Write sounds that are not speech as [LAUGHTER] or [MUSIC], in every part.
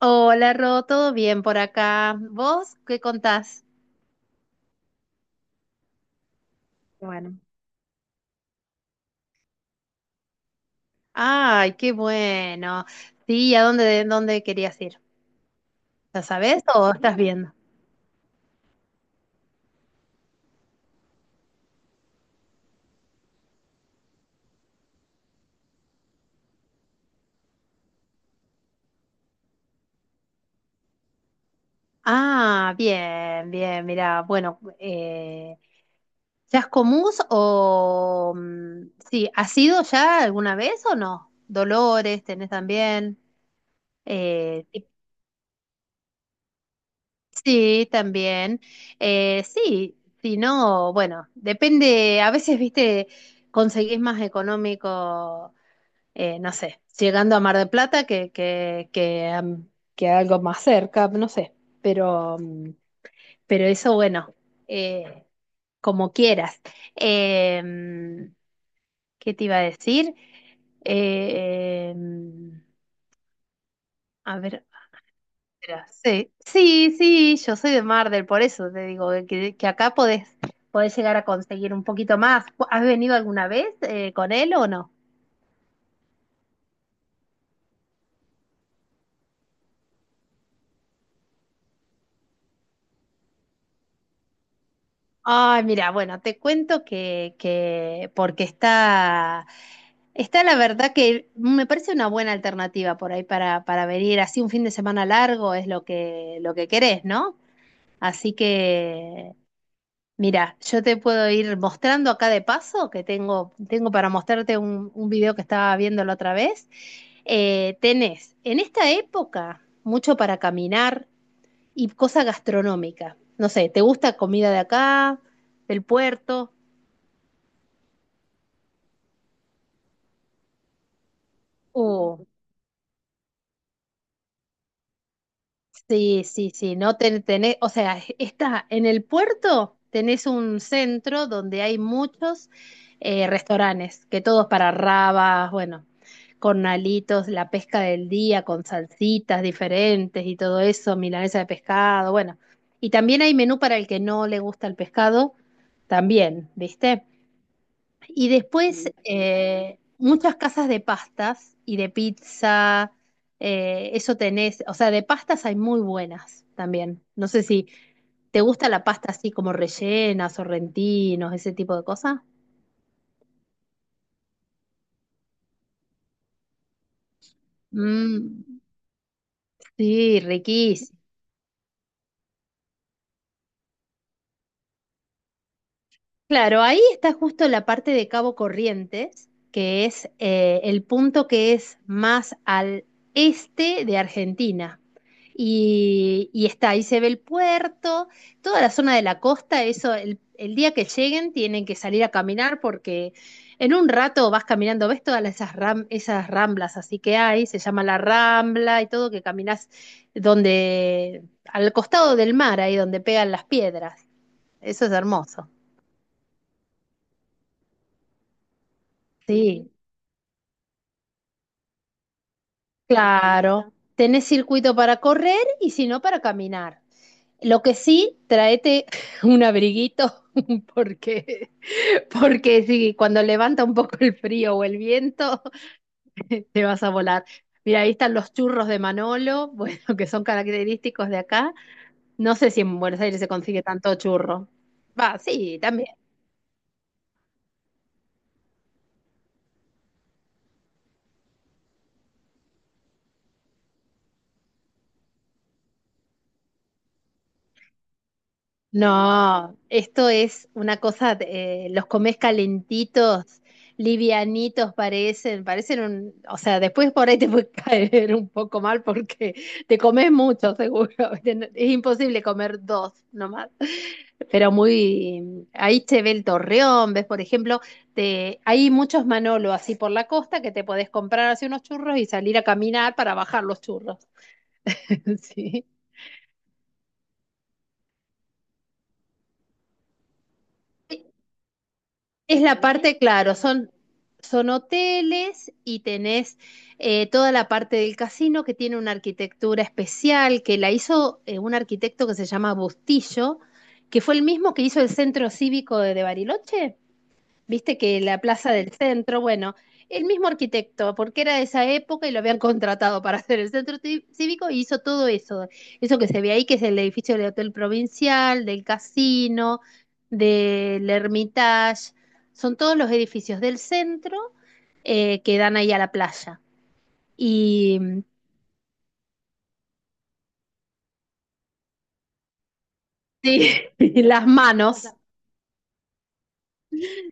Hola, Ro, ¿todo bien por acá? ¿Vos qué contás? Bueno. Ay, qué bueno. Sí, ¿a dónde querías ir? ¿Ya sabés o estás viendo? Ah, bien, bien, mira, bueno, ¿Chascomús o? Sí, ¿has ido ya alguna vez o no? Dolores, tenés también. Eh, Sí, también. Sí, si no, bueno, depende, a veces, viste, conseguís más económico, no sé, llegando a Mar del Plata que que algo más cerca, no sé, pero, mm, pero eso, bueno, eh, como quieras. Em, ¿Qué te iba a decir? Eh, Em, a ver, mira, sí, sí, sí, yo soy de Mar del, por eso te digo que acá podés llegar a conseguir un poquito más. ¿Has venido alguna vez con él o no? Ay, mira, bueno, te cuento que porque está la verdad que me parece una buena alternativa por ahí para venir así un fin de semana largo es lo que querés, ¿no? Así que mira, yo te puedo ir mostrando acá de paso, que tengo para mostrarte un video que estaba viendo la otra vez. Tenés en esta época mucho para caminar y cosa gastronómica. No sé, ¿te gusta comida de acá, del puerto? Sí, sí, sí, no tenés, o sea, está en el puerto, tenés un centro donde hay muchos restaurantes, que todos para rabas, bueno, cornalitos, la pesca del día con salsitas diferentes y todo eso, milanesa de pescado, bueno. Y también hay menú para el que no le gusta el pescado, también, ¿viste? Y después muchas casas de pastas y de pizza. Eso tenés, o sea, de pastas hay muy buenas también. No sé si te gusta la pasta así como rellena, sorrentinos, ese tipo de cosas. Mm, sí. Claro, ahí está justo la parte de Cabo Corrientes, que es el punto que es más al este de Argentina. Y está, ahí se ve el puerto, toda la zona de la costa, eso, el día que lleguen tienen que salir a caminar porque en un rato vas caminando, ves todas esas, esas ramblas así que hay, se llama la rambla y todo, que caminas donde, al costado del mar, ahí donde pegan las piedras. Eso es hermoso. Sí. Claro, tenés circuito para correr y si no para caminar. Lo que sí, tráete [LAUGHS] un abriguito [LAUGHS] porque, porque si cuando levanta un poco el frío o el viento, [LAUGHS] te vas a volar. Mira, ahí están los churros de Manolo, bueno, [LAUGHS] que son característicos de acá. No sé si en Buenos Aires se consigue tanto churro. Va, sí. No, esto es una cosa, los comes calentitos, livianitos parecen o sea, después por ahí te puede [LAUGHS] caer un poco mal porque te comes mucho, seguro. [LAUGHS] Es imposible comer dos nomás. Pero ahí se ve el Torreón, ves, por ejemplo, hay muchos Manolo así por la costa que te podés comprar así unos churros y salir a caminar para bajar los churros. [LAUGHS] Sí. Es la parte, claro, son hoteles y tenés toda la parte del casino que tiene una arquitectura especial que la hizo un arquitecto que se llama Bustillo, que fue el mismo que hizo el Centro Cívico de Bariloche. Viste que la plaza del centro, bueno, el mismo arquitecto, porque era de esa época y lo habían [LAUGHS] contratado para hacer el centro cívico y hizo todo eso. Eso que se ve ahí, que es el edificio del Hotel Provincial, del casino, del Hermitage. Son todos los edificios del centro que dan ahí a la playa. Y sí, [LAUGHS] y las manos.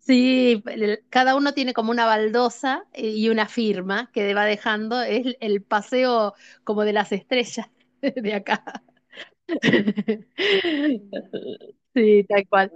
Sí, cada uno tiene como una baldosa y una firma que va dejando. Es el paseo como de las estrellas [LAUGHS] de acá. Sí, tal cual.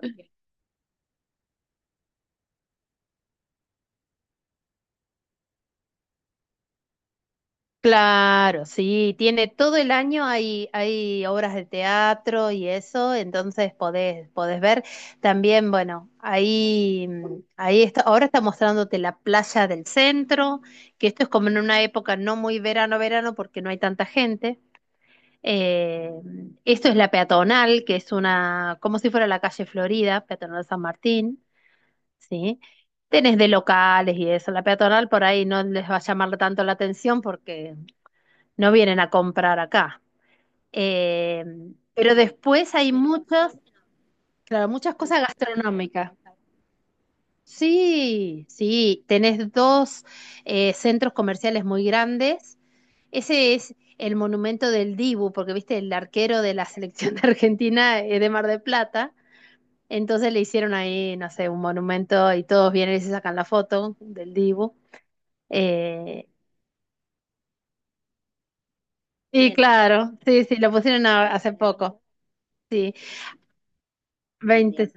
Claro, sí, tiene todo el año hay obras de teatro y eso, entonces podés ver. También, bueno, ahí está, ahora está mostrándote la playa del centro, que esto es como en una época no muy verano, verano, porque no hay tanta gente. Eh, Esto es la peatonal, que es una, como si fuera la calle Florida, peatonal San Martín, ¿sí? Tenés de locales y eso. La peatonal por ahí no les va a llamar tanto la atención porque no vienen a comprar acá. Eh, pero después hay muchas, claro, muchas cosas gastronómicas. Sí, sí, tenés dos centros comerciales muy grandes. Ese es el monumento del Dibu, porque viste, el arquero de la selección de Argentina es de Mar del Plata. Entonces le hicieron ahí, no sé, un monumento y todos vienen y se sacan la foto del Dibu. Eh, y claro, sí, sí, lo pusieron hace poco. 20,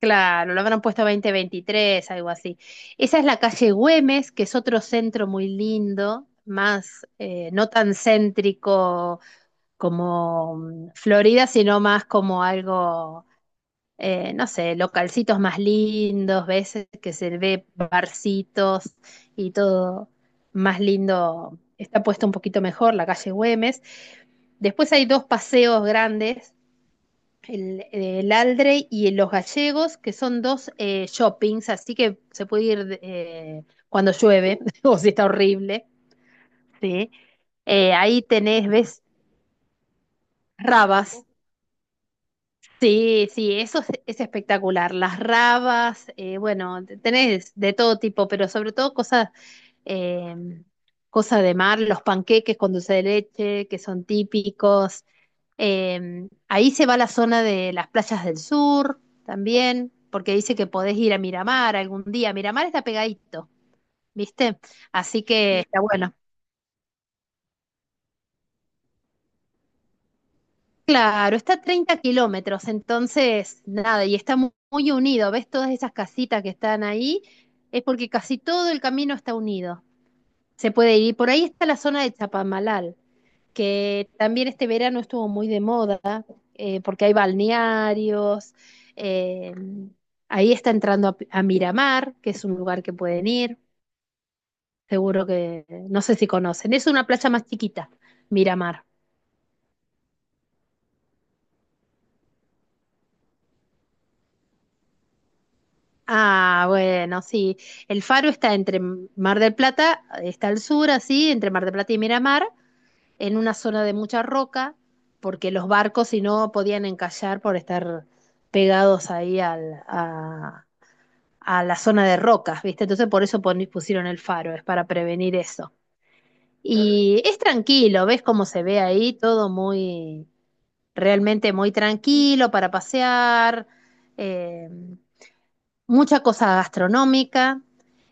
claro, lo habrán puesto 2023, algo así. Esa es la calle Güemes, que es otro centro muy lindo, más no tan céntrico como Florida, sino más como algo no sé, localcitos más lindos, veces que se ve barcitos y todo más lindo, está puesto un poquito mejor, la calle Güemes. Después hay dos paseos grandes, el Aldre y el Los Gallegos, que son dos shoppings, así que se puede ir cuando llueve [LAUGHS] o si está horrible. ¿Sí? Ahí tenés, ves rabas. Sí, sí, eso es espectacular. Las rabas, bueno, tenés de todo tipo, pero sobre todo cosas, eh, cosas de mar, los panqueques con dulce de leche, que son típicos. Ahí se va la zona de las playas del sur también, porque dice que podés ir a Miramar algún día. Miramar está pegadito, ¿viste? Así que está bueno. Claro, está a 30 kilómetros, entonces nada, y está muy, unido. ¿Ves todas esas casitas que están ahí? Es porque casi todo el camino está unido. Se puede ir. Por ahí está la zona de Chapamalal, que también este verano estuvo muy de moda, porque hay balnearios. eh, Ahí está entrando a Miramar, que es un lugar que pueden ir. Seguro que, no sé si conocen. Es una playa más chiquita, Miramar. Ah, bueno, sí. El faro está entre Mar del Plata, está al sur, así, entre Mar del Plata y Miramar, en una zona de mucha roca, porque los barcos si no podían encallar por estar pegados ahí a la zona de rocas, ¿viste? Entonces por eso pusieron el faro, es para prevenir eso. Y es tranquilo, ves cómo se ve ahí, todo muy, realmente muy tranquilo para pasear. eh, Mucha cosa gastronómica.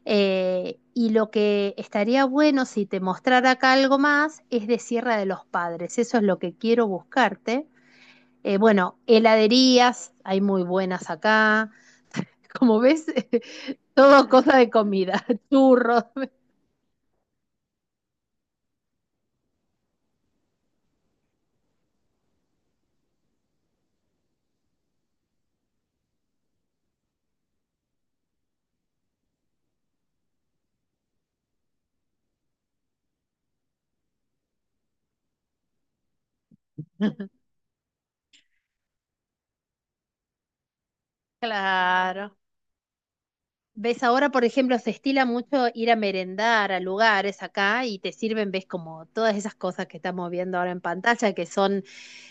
Y lo que estaría bueno si te mostrara acá algo más es de Sierra de los Padres. Eso es lo que quiero buscarte. Bueno, heladerías, hay muy buenas acá. Como ves, [LAUGHS] todo cosa de comida, [LAUGHS] churros, claro. Ves, ahora, por ejemplo, se estila mucho ir a merendar a lugares acá y te sirven, ves, como todas esas cosas que estamos viendo ahora en pantalla, que son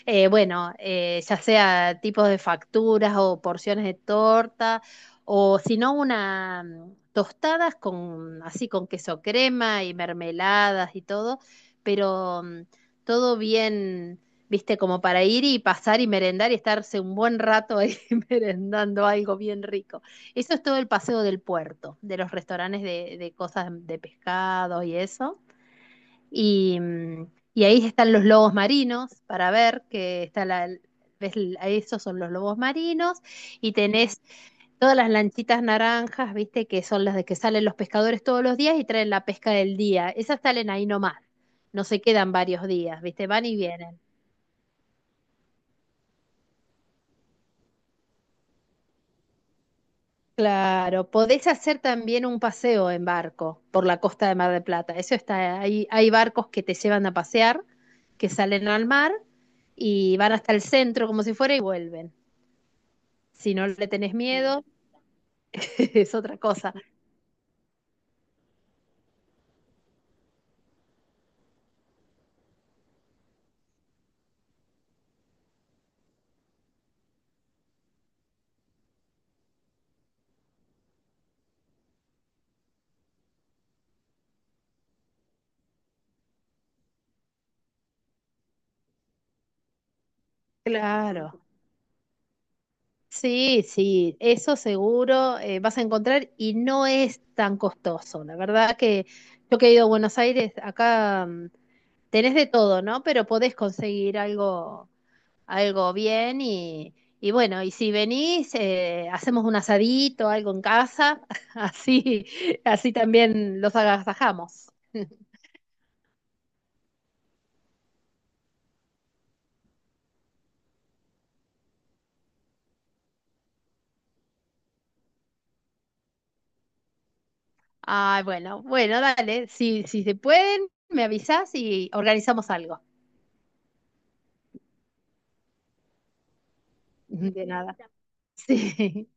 bueno, ya sea tipos de facturas o porciones de torta, o si no, una tostadas con así con queso crema y mermeladas y todo, pero todo bien, viste, como para ir y pasar y merendar y estarse un buen rato ahí [LAUGHS] merendando algo bien rico. Eso es todo el paseo del puerto, de los restaurantes de cosas de pescado y eso. Y, mm, y ahí están los lobos marinos para ver que está la, ves, ahí esos son los lobos marinos y tenés todas las lanchitas naranjas, viste, que son las de que salen los pescadores todos los días y traen la pesca del día. Esas salen ahí nomás, no se quedan varios días, viste, van y vienen. Claro, podés hacer también un paseo en barco por la costa de Mar del Plata. Eso está, hay barcos que te llevan a pasear, que salen al mar y van hasta el centro como si fuera y vuelven. Si no le tenés miedo, [LAUGHS] es otra cosa. Claro. Sí, sí, eso seguro vas a encontrar y no es tan costoso. La verdad que yo que he ido a Buenos Aires, acá tenés de todo, ¿no? Pero podés conseguir algo bien y bueno, y si venís, hacemos un asadito, algo en casa, [LAUGHS] así, así también los agasajamos. Ah, bueno, bueno, dale. Si, si se pueden, me avisas y organizamos algo. [LAUGHS] De nada. Sí.